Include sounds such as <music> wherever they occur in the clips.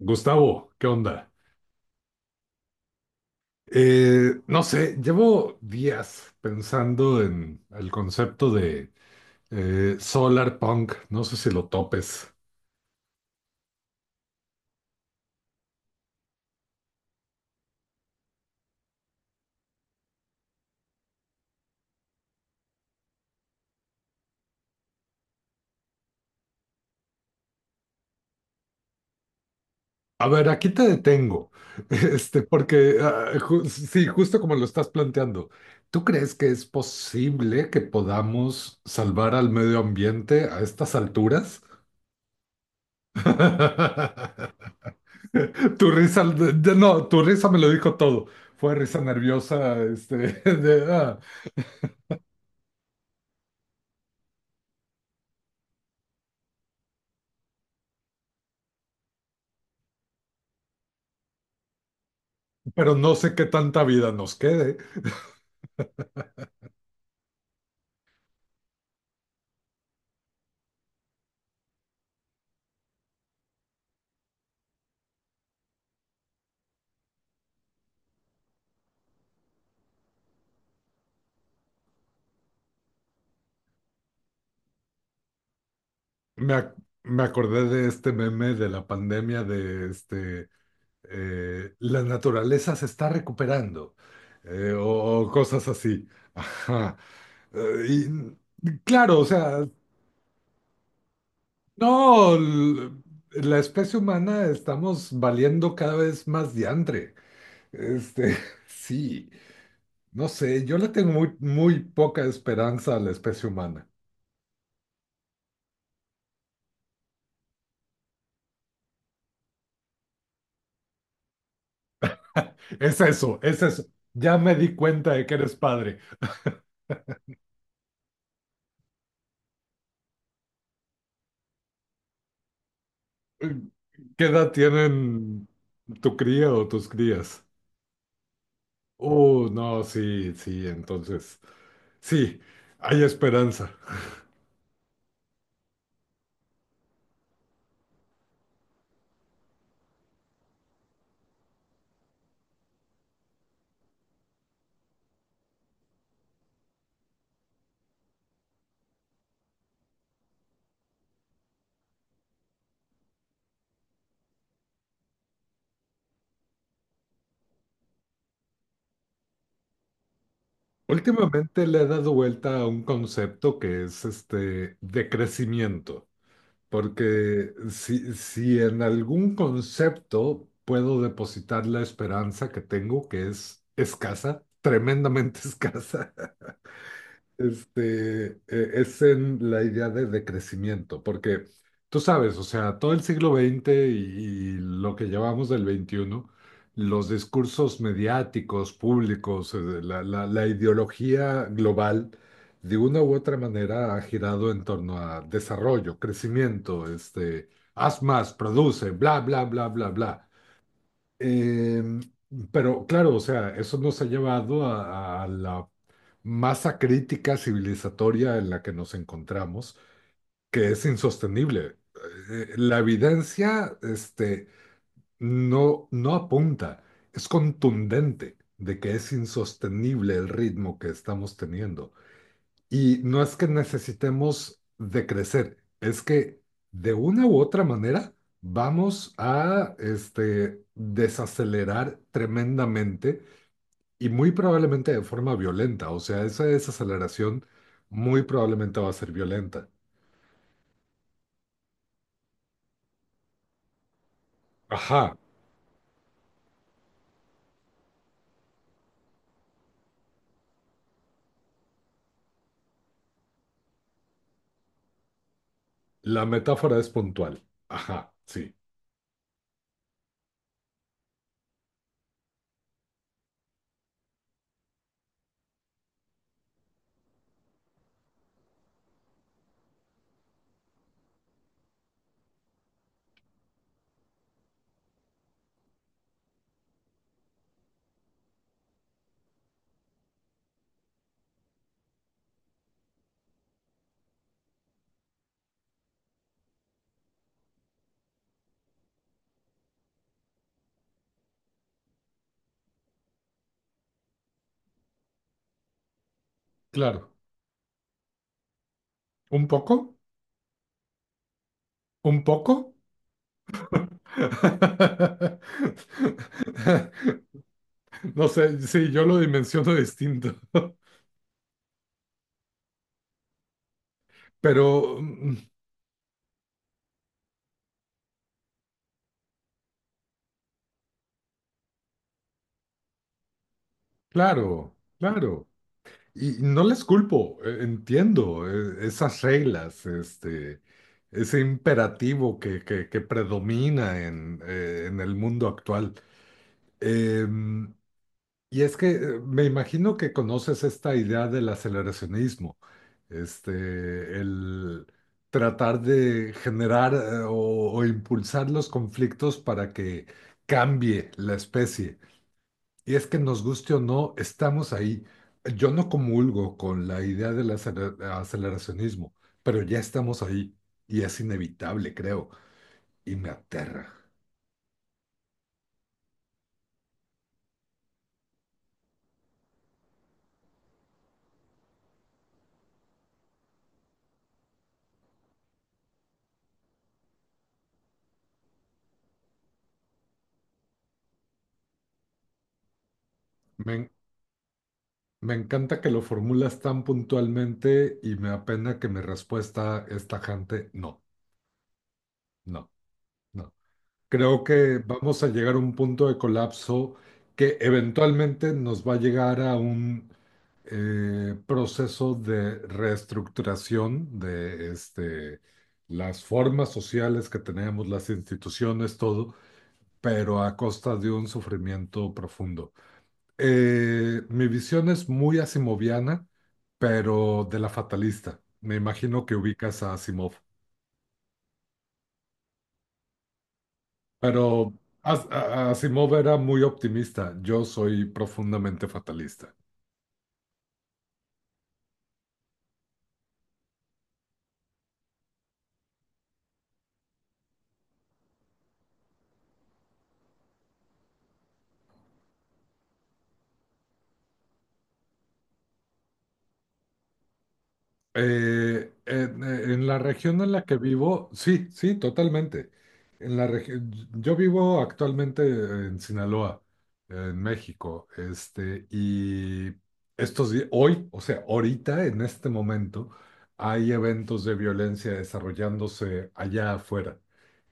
Gustavo, ¿qué onda? No sé, llevo días pensando en el concepto de solar punk. No sé si lo topes. A ver, aquí te detengo, <laughs> porque sí, justo como lo estás planteando, ¿tú crees que es posible que podamos salvar al medio ambiente a estas alturas? <laughs> Tu risa, no, tu risa me lo dijo todo. Fue risa nerviosa, <laughs> de, ah, pero no sé qué tanta vida nos quede. Me, ac- Me acordé de este meme de la pandemia de la naturaleza se está recuperando, o cosas así. <laughs> Ajá. Eh, y claro, o sea, no, la especie humana estamos valiendo cada vez más diantre. Este, <laughs> sí, no sé, yo le tengo muy, muy poca esperanza a la especie humana. Es eso, es eso. Ya me di cuenta de que eres padre. Mm, ¿Qué edad tienen tu cría o tus crías? Oh, no, sí, sí, entonces, sí, hay esperanza. Últimamente le he dado vuelta a un concepto que es este de crecimiento. Porque si en algún concepto puedo depositar la esperanza que tengo, que es escasa, tremendamente <laughs> escasa, es en la idea de crecimiento, porque tú sabes, o sea, todo el siglo XX y lo que llevamos del XXI, los discursos mediáticos, públicos, la ideología global, de una u otra manera ha girado en torno a desarrollo, crecimiento, haz más, produce, bla, bla, bla, bla, bla. Eh, pero claro, o sea, eso nos ha llevado a la masa crítica civilizatoria en la que nos encontramos, que es insostenible. La evidencia, no, no apunta, es contundente de que es insostenible el ritmo que estamos teniendo. Y no es que necesitemos de crecer, es que de una u otra manera vamos a desacelerar tremendamente y muy probablemente de forma violenta. O sea, esa desaceleración muy probablemente va a ser violenta. Ajá, la metáfora es puntual. Ajá, sí, claro. ¿Un poco? ¿Un poco? <laughs> No sé, sí, yo lo dimensiono distinto. <laughs> Pero claro, claro. Y no les culpo, entiendo esas reglas, ese imperativo que predomina en el mundo actual. Em, y es que me imagino que conoces esta idea del aceleracionismo, el tratar de generar o impulsar los conflictos para que cambie la especie. Y es que nos guste o no, estamos ahí. Yo no comulgo con la idea del aceleracionismo, pero ya estamos ahí y es inevitable, creo, y me aterra. Me, en- me encanta que lo formulas tan puntualmente y me apena que mi respuesta es tajante, no, no, no. Creo que vamos a llegar a un punto de colapso que eventualmente nos va a llegar a un proceso de reestructuración de las formas sociales que tenemos, las instituciones, todo, pero a costa de un sufrimiento profundo. Mi visión es muy asimoviana, pero de la fatalista. Me imagino que ubicas a Asimov. Pero Asimov era muy optimista, yo soy profundamente fatalista. En la región en la que vivo, sí, sí, totalmente. Yo vivo actualmente en Sinaloa, en México, y estos días, hoy, o sea, ahorita, en este momento, hay eventos de violencia desarrollándose allá afuera.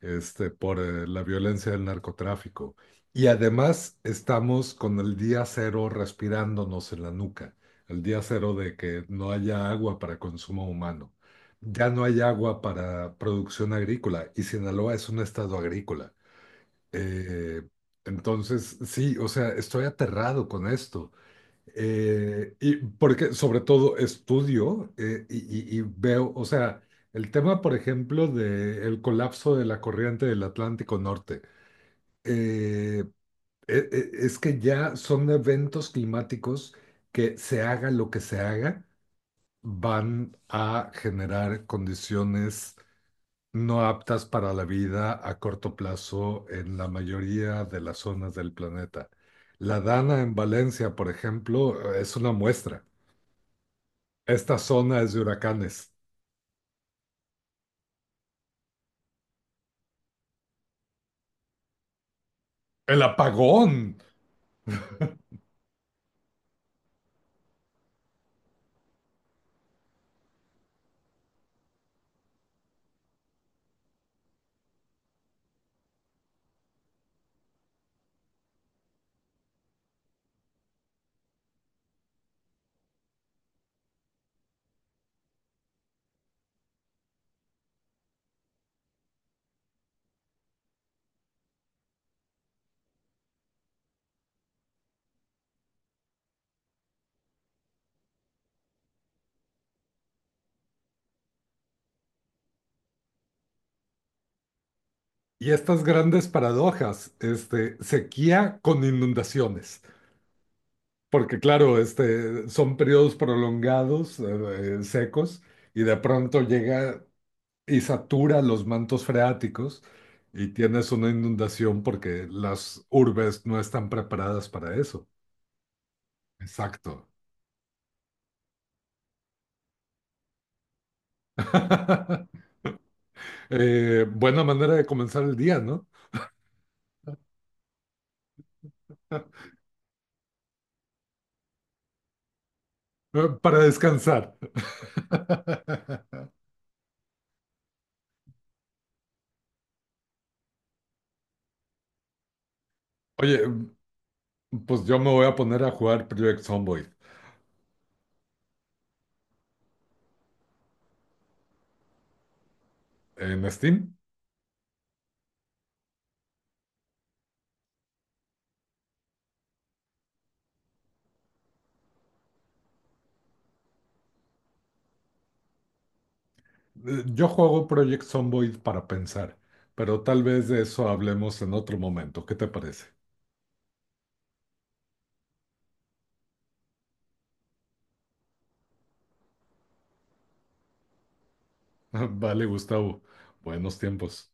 Por la violencia del narcotráfico. Y además estamos con el día cero respirándonos en la nuca, el día cero de que no haya agua para consumo humano, ya no hay agua para producción agrícola y Sinaloa es un estado agrícola. Eh, entonces, sí, o sea, estoy aterrado con esto. Y porque sobre todo estudio y veo, o sea, el tema, por ejemplo, del colapso de la corriente del Atlántico Norte, eh, es que ya son eventos climáticos que se haga lo que se haga, van a generar condiciones no aptas para la vida a corto plazo en la mayoría de las zonas del planeta. La Dana en Valencia, por ejemplo, es una muestra. Esta zona es de huracanes. El apagón y estas grandes paradojas, sequía con inundaciones, porque claro, son periodos prolongados, secos, y de pronto llega y satura los mantos freáticos y tienes una inundación porque las urbes no están preparadas para eso. Exacto. <laughs> Buena manera de comenzar el día, ¿no? <laughs> Para descansar. <laughs> Oye, pues yo me voy a poner a jugar Project Zomboid en Steam. Yo juego Project Zomboid para pensar, pero tal vez de eso hablemos en otro momento. ¿Qué te parece? <laughs> Vale, Gustavo. Buenos tiempos.